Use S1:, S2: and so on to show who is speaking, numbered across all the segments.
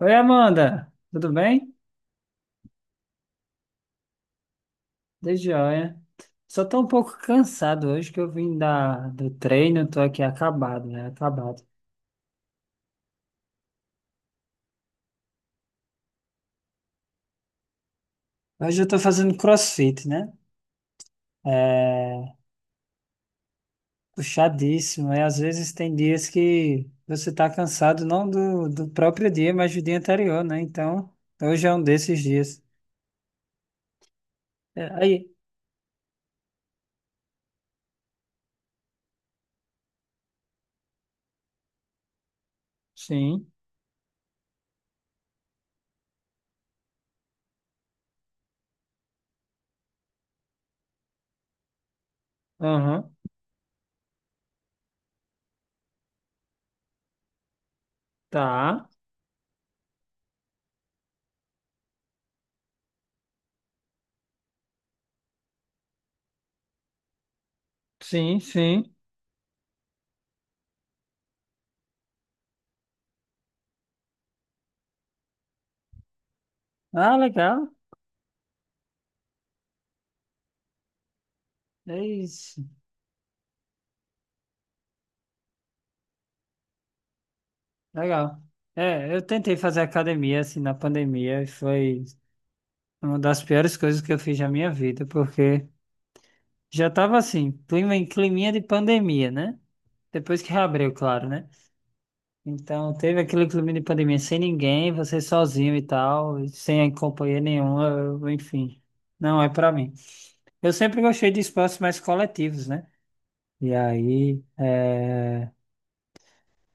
S1: Oi, Amanda, tudo bem? De joia. Só tô um pouco cansado hoje que eu vim do treino, tô aqui acabado, né? Acabado. Hoje eu tô fazendo CrossFit, né? É puxadíssimo, e às vezes tem dias que você tá cansado, não do próprio dia, mas do dia anterior, né? Então, hoje é um desses dias. É, aí. Sim, aham, tá. Sim, sim. Ah, legal. É isso. Legal. É, eu tentei fazer academia assim na pandemia e foi uma das piores coisas que eu fiz na minha vida, porque já tava assim, clima em climinha de pandemia, né? Depois que reabriu, claro, né? Então teve aquele clima de pandemia sem ninguém, você sozinho e tal, e sem companhia nenhuma, enfim. Não é pra mim. Eu sempre gostei de espaços mais coletivos, né? E aí,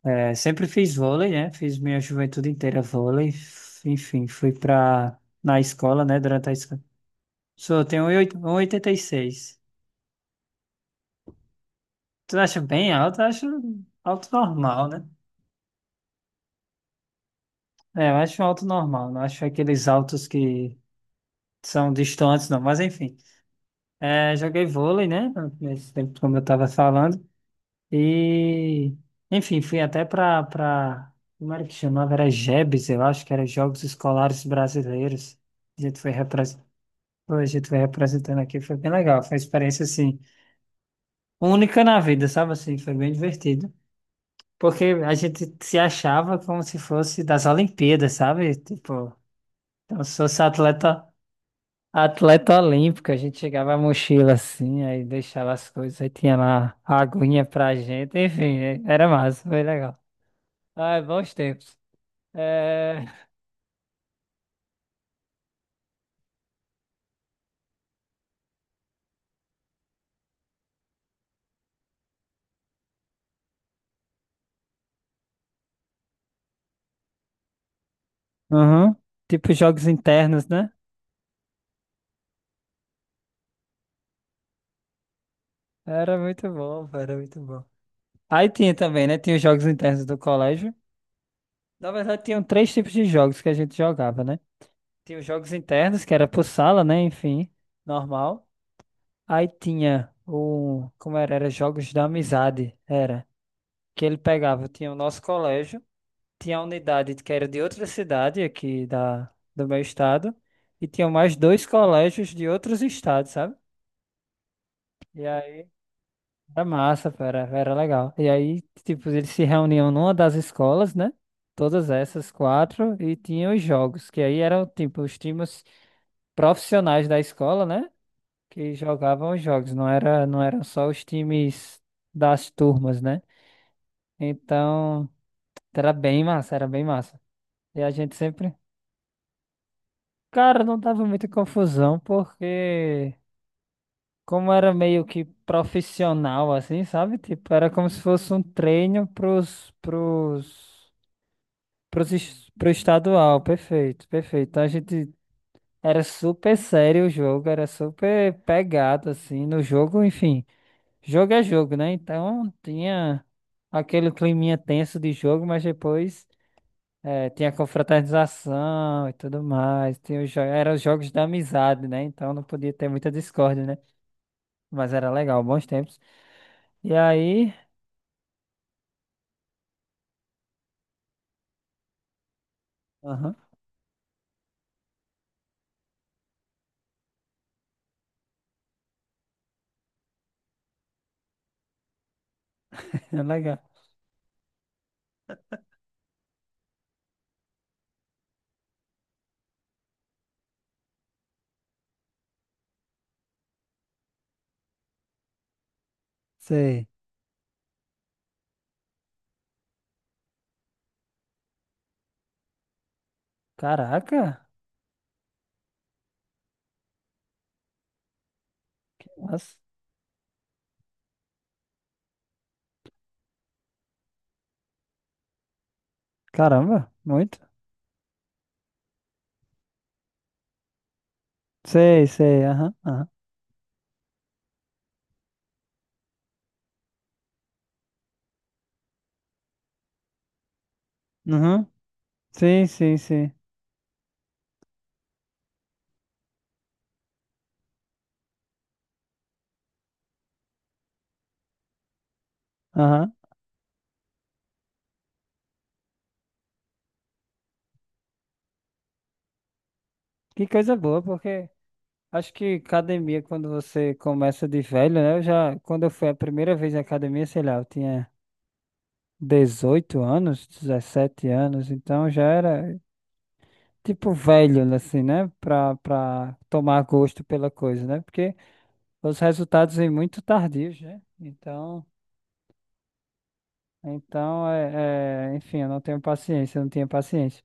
S1: é, sempre fiz vôlei, né? Fiz minha juventude inteira vôlei. Enfim, na escola, né? Durante a escola. Sou, eu tenho 1,86. Tu acha bem alto? Eu acho alto normal, né? É, eu acho um alto normal. Não acho aqueles altos que são distantes, não. Mas enfim. É, joguei vôlei, né? Nesse tempo, como eu tava falando. E, enfim, pra... Como era que chamava? Era JEBs, eu acho que era Jogos Escolares Brasileiros. A gente foi representado. Hoje tu vai representando aqui, foi bem legal. Foi uma experiência assim, única na vida, sabe assim? Foi bem divertido. Porque a gente se achava como se fosse das Olimpíadas, sabe? Tipo, então se fosse atleta, atleta olímpico, a gente chegava a mochila assim, aí deixava as coisas, aí tinha lá a aguinha pra gente, enfim, era massa, foi legal. Ah, bons tempos. É... Uhum. Tipo jogos internos, né? Era muito bom, era muito bom. Aí tinha também, né? Tinha os jogos internos do colégio. Na verdade, tinham três tipos de jogos que a gente jogava, né? Tinha os jogos internos, que era por sala, né? Enfim, normal. Aí tinha o. Como era? Era jogos da amizade, era. Que ele pegava, tinha o nosso colégio, tinha a unidade que era de outra cidade aqui do meu estado, e tinha mais dois colégios de outros estados, sabe? E aí, era massa, pô, era, era legal. E aí, tipo, eles se reuniam numa das escolas, né? Todas essas quatro, e tinham os jogos, que aí eram, tipo, os times profissionais da escola, né? Que jogavam os jogos, não era, não eram só os times das turmas, né? Então, era bem massa, era bem massa. E a gente sempre, cara, não dava muita confusão, porque como era meio que profissional, assim, sabe? Tipo, era como se fosse um treino pro estadual, perfeito, perfeito. Então a gente era super sério o jogo, era super pegado assim no jogo, enfim. Jogo é jogo, né? Então tinha aquele climinha tenso de jogo, mas depois tinha confraternização e tudo mais. Tinha eram os jogos da amizade, né? Então não podia ter muita discórdia, né? Mas era legal, bons tempos. E aí. Aham, é legal. Sei. Caraca! Nossa, caramba, muito. Sei, sei, aham, aham. Uhum. Sim, sim, sim. Aham. Que coisa boa, porque acho que academia, quando você começa de velho, né? Eu já, quando eu fui a primeira vez na academia, sei lá, eu tinha 18 anos, 17 anos, então já era tipo velho, assim, né? Pra tomar gosto pela coisa, né? Porque os resultados vêm muito tardios, né? Então, enfim, eu não tenho paciência, eu não tinha paciência.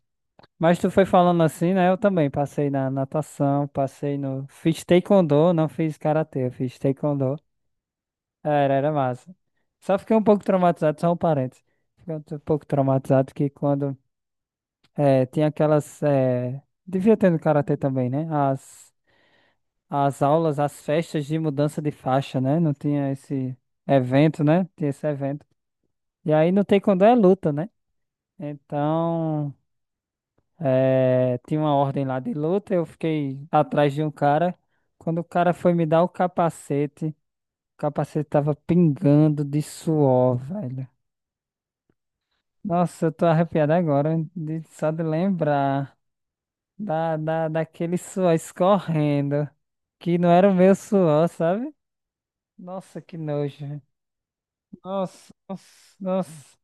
S1: Mas tu foi falando assim, né? Eu também passei na natação, passei no. Fiz taekwondo, não fiz karatê, eu fiz taekwondo. Era massa. Só fiquei um pouco traumatizado, só um parênteses. Fiquei um pouco traumatizado que quando tinha aquelas. Devia ter no karatê também, né? As aulas, as festas de mudança de faixa, né? Não tinha esse evento, né? Tinha esse evento. E aí no taekwondo é luta, né? Então. É, tinha uma ordem lá de luta, eu fiquei atrás de um cara. Quando o cara foi me dar o capacete tava pingando de suor, velho. Nossa, eu tô arrepiado agora só de lembrar daquele suor escorrendo, que não era o meu suor, sabe? Nossa, que nojo, velho. Nossa, nossa, nossa.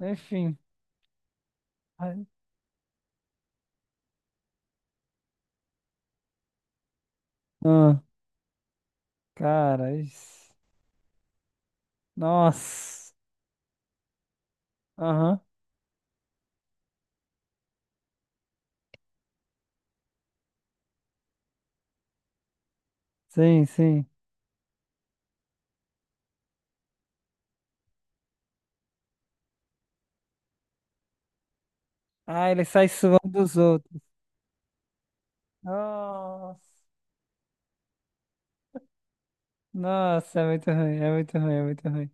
S1: Enfim. Ai, ah, cara, isso. Nossa. Aham. Sim, sim. Ah, ele sai suando dos outros. Nossa, nossa, é muito ruim, é muito ruim, é muito ruim.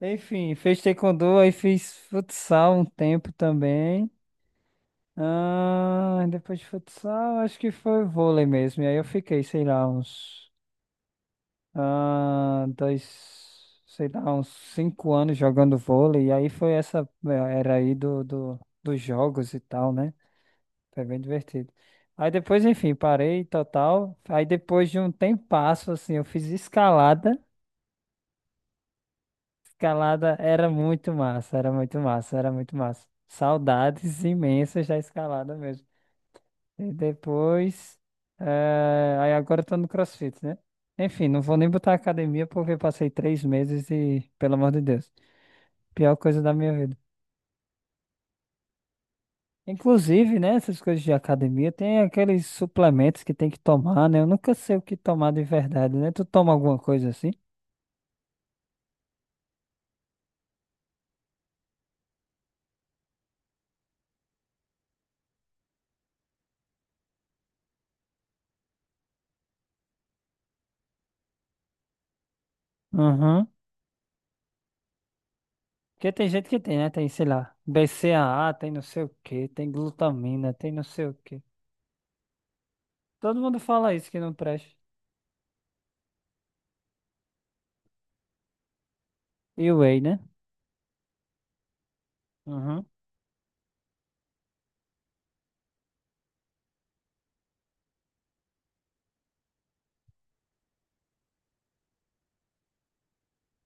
S1: Enfim, fez taekwondo, aí fiz futsal um tempo também. Ah, depois de futsal, acho que foi vôlei mesmo. E aí eu fiquei, sei lá, uns dois, sei lá, uns 5 anos jogando vôlei. E aí foi essa, é, era aí dos jogos e tal, né? Foi bem divertido. Aí depois, enfim, parei total. Aí depois de um tempasso, assim, eu fiz escalada. Escalada era muito massa, era muito massa, era muito massa. Saudades imensas da escalada mesmo. E depois. Aí agora eu tô no CrossFit, né? Enfim, não vou nem botar academia porque eu passei 3 meses e, pelo amor de Deus, pior coisa da minha vida. Inclusive, né, essas coisas de academia, tem aqueles suplementos que tem que tomar, né? Eu nunca sei o que tomar de verdade, né? Tu toma alguma coisa assim? Uhum. Porque tem gente que tem, né? Tem, sei lá, BCAA, tem não sei o que, tem glutamina, tem não sei o que. Todo mundo fala isso que não presta. E o whey, né? Uhum.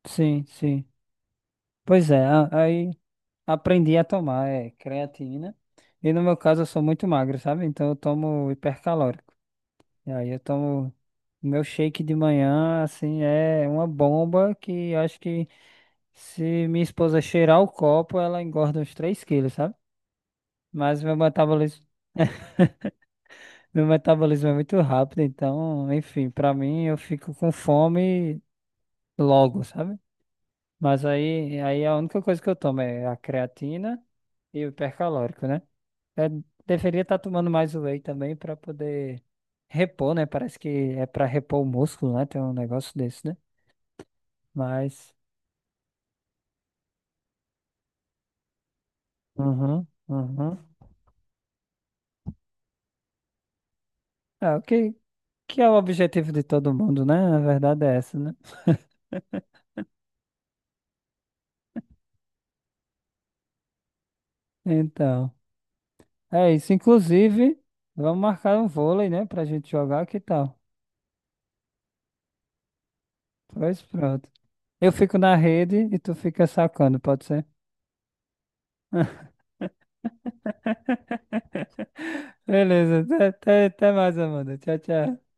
S1: Sim, sim. Pois é, aí aprendi a tomar, é, creatina. E no meu caso eu sou muito magro, sabe? Então eu tomo hipercalórico. E aí eu tomo meu shake de manhã, assim, é uma bomba que acho que se minha esposa cheirar o copo, ela engorda uns 3 quilos, sabe? Mas meu metabolismo, meu metabolismo é muito rápido, então, enfim, pra mim eu fico com fome logo, sabe? Mas aí a única coisa que eu tomo é a creatina e o hipercalórico, né? Eu deveria estar tomando mais whey também pra poder repor, né? Parece que é pra repor o músculo, né? Tem um negócio desse, né? Mas, uhum, uhum. É, o que, que é o objetivo de todo mundo, né? A verdade é essa, né? Então, é isso. Inclusive, vamos marcar um vôlei, né? Pra gente jogar, que tal? Pois pronto. Eu fico na rede e tu fica sacando, pode ser? Beleza, até mais, Amanda. Tchau, tchau.